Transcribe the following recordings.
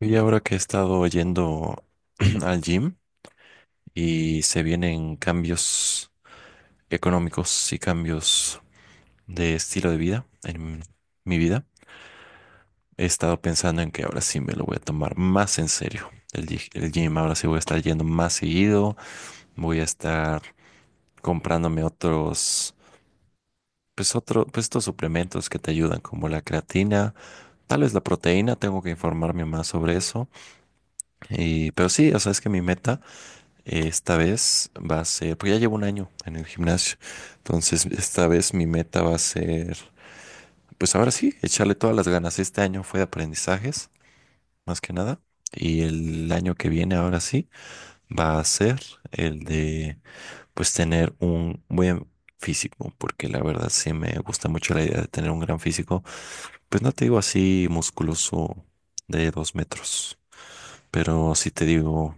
Y ahora que he estado yendo al gym y se vienen cambios económicos y cambios de estilo de vida en mi vida, he estado pensando en que ahora sí me lo voy a tomar más en serio. El gym ahora sí voy a estar yendo más seguido, voy a estar comprándome otros, pues otro, pues estos suplementos que te ayudan como la creatina, tal vez la proteína, tengo que informarme más sobre eso. Y, pero sí, o sea, es que mi meta, esta vez va a ser, porque ya llevo un año en el gimnasio, entonces esta vez mi meta va a ser, pues ahora sí, echarle todas las ganas. Este año fue de aprendizajes, más que nada, y el año que viene, ahora sí, va a ser el de, pues tener un buen físico, porque la verdad sí me gusta mucho la idea de tener un gran físico, pues no te digo así musculoso de 2 metros, pero sí te digo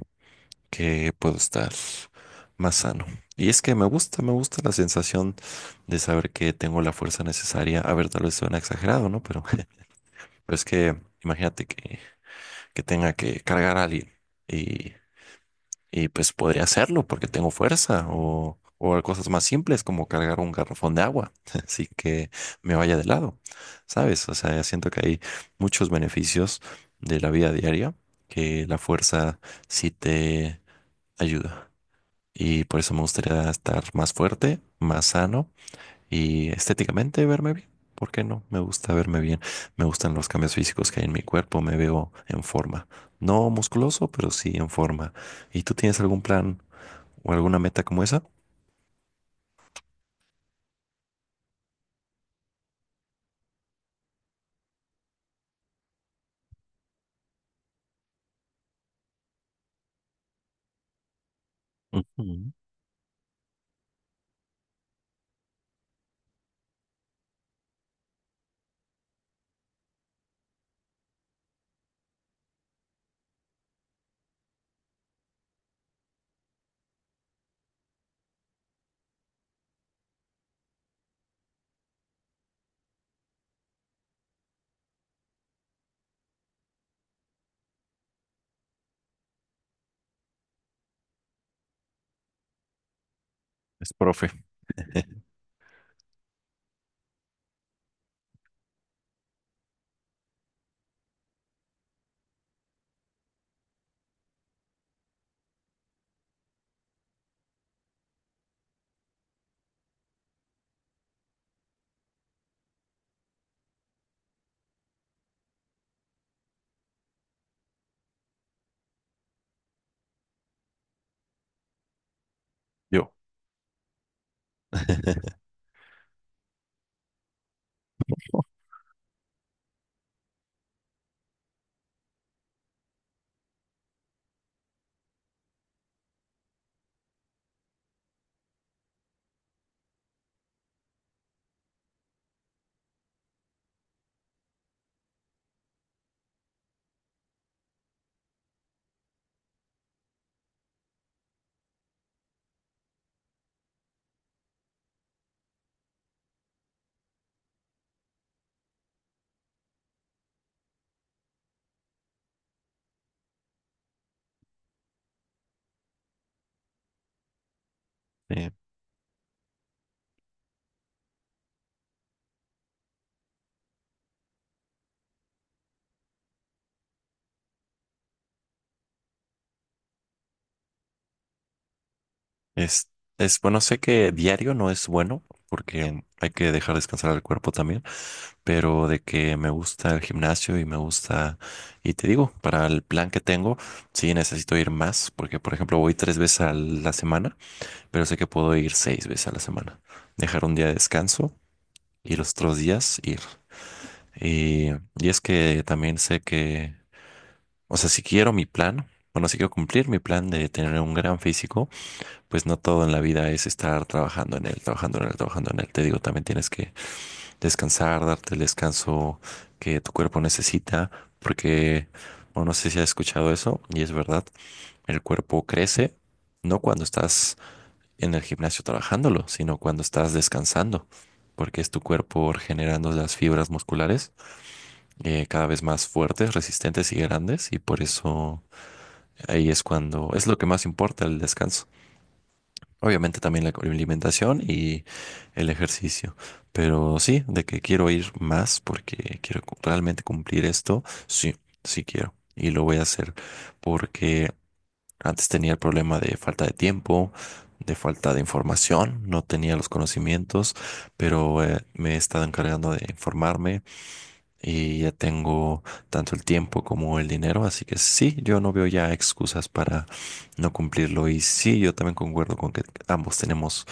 que puedo estar más sano. Y es que me gusta la sensación de saber que tengo la fuerza necesaria. A ver, tal vez suena exagerado, ¿no? Pero, pero es que imagínate que tenga que cargar a alguien y, y pues podría hacerlo porque tengo fuerza o cosas más simples como cargar un garrafón de agua, así que me vaya de lado, ¿sabes? O sea, siento que hay muchos beneficios de la vida diaria que la fuerza sí te ayuda. Y por eso me gustaría estar más fuerte, más sano y estéticamente verme bien. ¿Por qué no? Me gusta verme bien. Me gustan los cambios físicos que hay en mi cuerpo. Me veo en forma. No musculoso, pero sí en forma. ¿Y tú tienes algún plan o alguna meta como esa? Ujú. Es profe. Yo. Sí. Es, es bueno, sé que diario no es bueno porque hay que dejar descansar al cuerpo también, pero de que me gusta el gimnasio y me gusta, y te digo, para el plan que tengo, sí necesito ir más, porque por ejemplo voy tres veces a la semana, pero sé que puedo ir seis veces a la semana, dejar un día de descanso y los otros días ir. Y, y es que también sé que, o sea, si quiero mi plan, bueno, si quiero cumplir mi plan de tener un gran físico, pues no todo en la vida es estar trabajando en él, trabajando en él, trabajando en él. Te digo, también tienes que descansar, darte el descanso que tu cuerpo necesita, porque, bueno, no sé si has escuchado eso, y es verdad, el cuerpo crece no cuando estás en el gimnasio trabajándolo, sino cuando estás descansando, porque es tu cuerpo regenerando las fibras musculares cada vez más fuertes, resistentes y grandes, y por eso ahí es cuando es lo que más importa el descanso. Obviamente también la alimentación y el ejercicio, pero sí, de que quiero ir más porque quiero realmente cumplir esto, sí, sí quiero y lo voy a hacer porque antes tenía el problema de falta de tiempo, de falta de información, no tenía los conocimientos, pero me he estado encargando de informarme, y ya tengo tanto el tiempo como el dinero, así que sí, yo no veo ya excusas para no cumplirlo. Y sí, yo también concuerdo con que ambos tenemos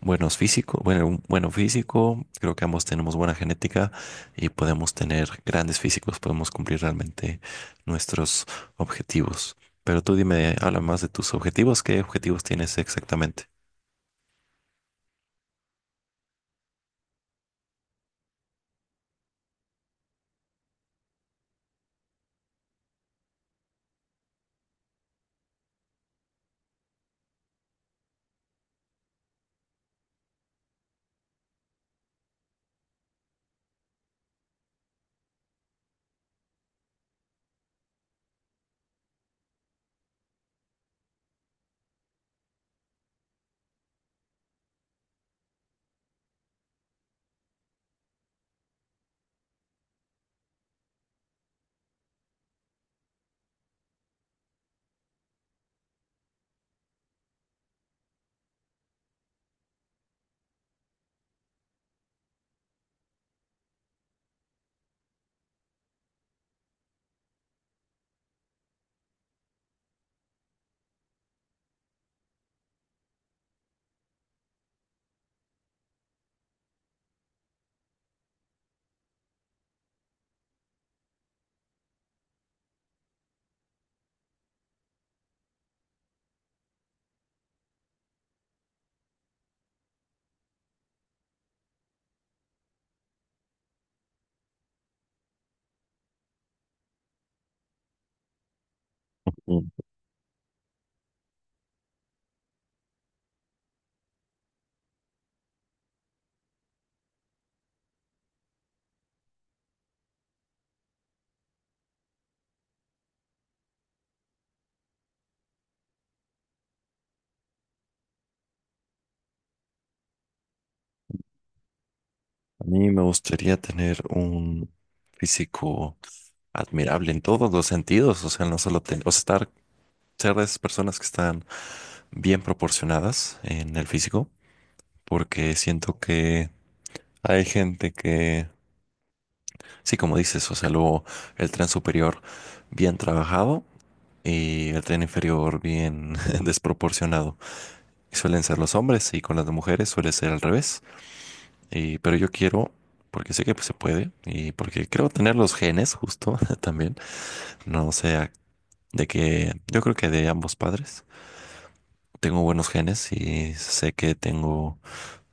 buenos físicos, bueno, un bueno físico, creo que ambos tenemos buena genética y podemos tener grandes físicos, podemos cumplir realmente nuestros objetivos. Pero tú dime, habla más de tus objetivos, ¿qué objetivos tienes exactamente? Mm. A mí me gustaría tener un físico admirable en todos los sentidos, o sea, no solo o sea, estar, ser de esas personas que están bien proporcionadas en el físico, porque siento que hay gente que, sí, como dices, o sea, luego el tren superior bien trabajado y el tren inferior bien desproporcionado. Y suelen ser los hombres y con las mujeres suele ser al revés. Y, pero yo quiero... Porque sé que pues, se puede y porque creo tener los genes justo también. No sea de que yo creo que de ambos padres, tengo buenos genes y sé que tengo,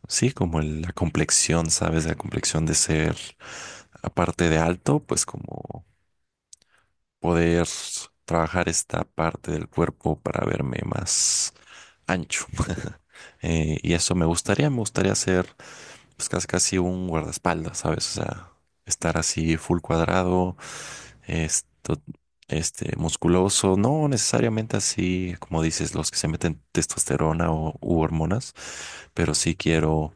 sí, como la complexión, ¿sabes? La complexión de ser, aparte de alto, pues como poder trabajar esta parte del cuerpo para verme más ancho. Y eso me gustaría ser pues casi, casi un guardaespaldas, ¿sabes? O sea, estar así full cuadrado esto, este, musculoso, no necesariamente así, como dices, los que se meten testosterona o, u hormonas, pero sí quiero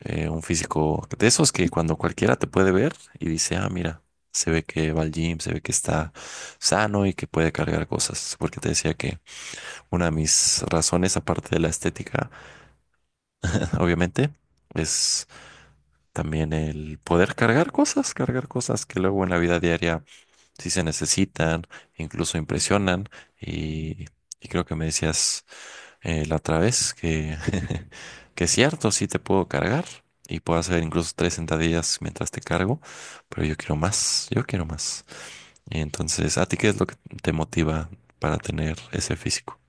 un físico de esos que cuando cualquiera te puede ver y dice, ah, mira, se ve que va al gym, se ve que está sano y que puede cargar cosas. Porque te decía que una de mis razones, aparte de la estética, obviamente, es también el poder cargar cosas que luego en la vida diaria si se necesitan, incluso impresionan. Y, y creo que me decías la otra vez que, que es cierto, sí te puedo cargar y puedo hacer incluso tres sentadillas mientras te cargo, pero yo quiero más, yo quiero más. Entonces, ¿a ti qué es lo que te motiva para tener ese físico?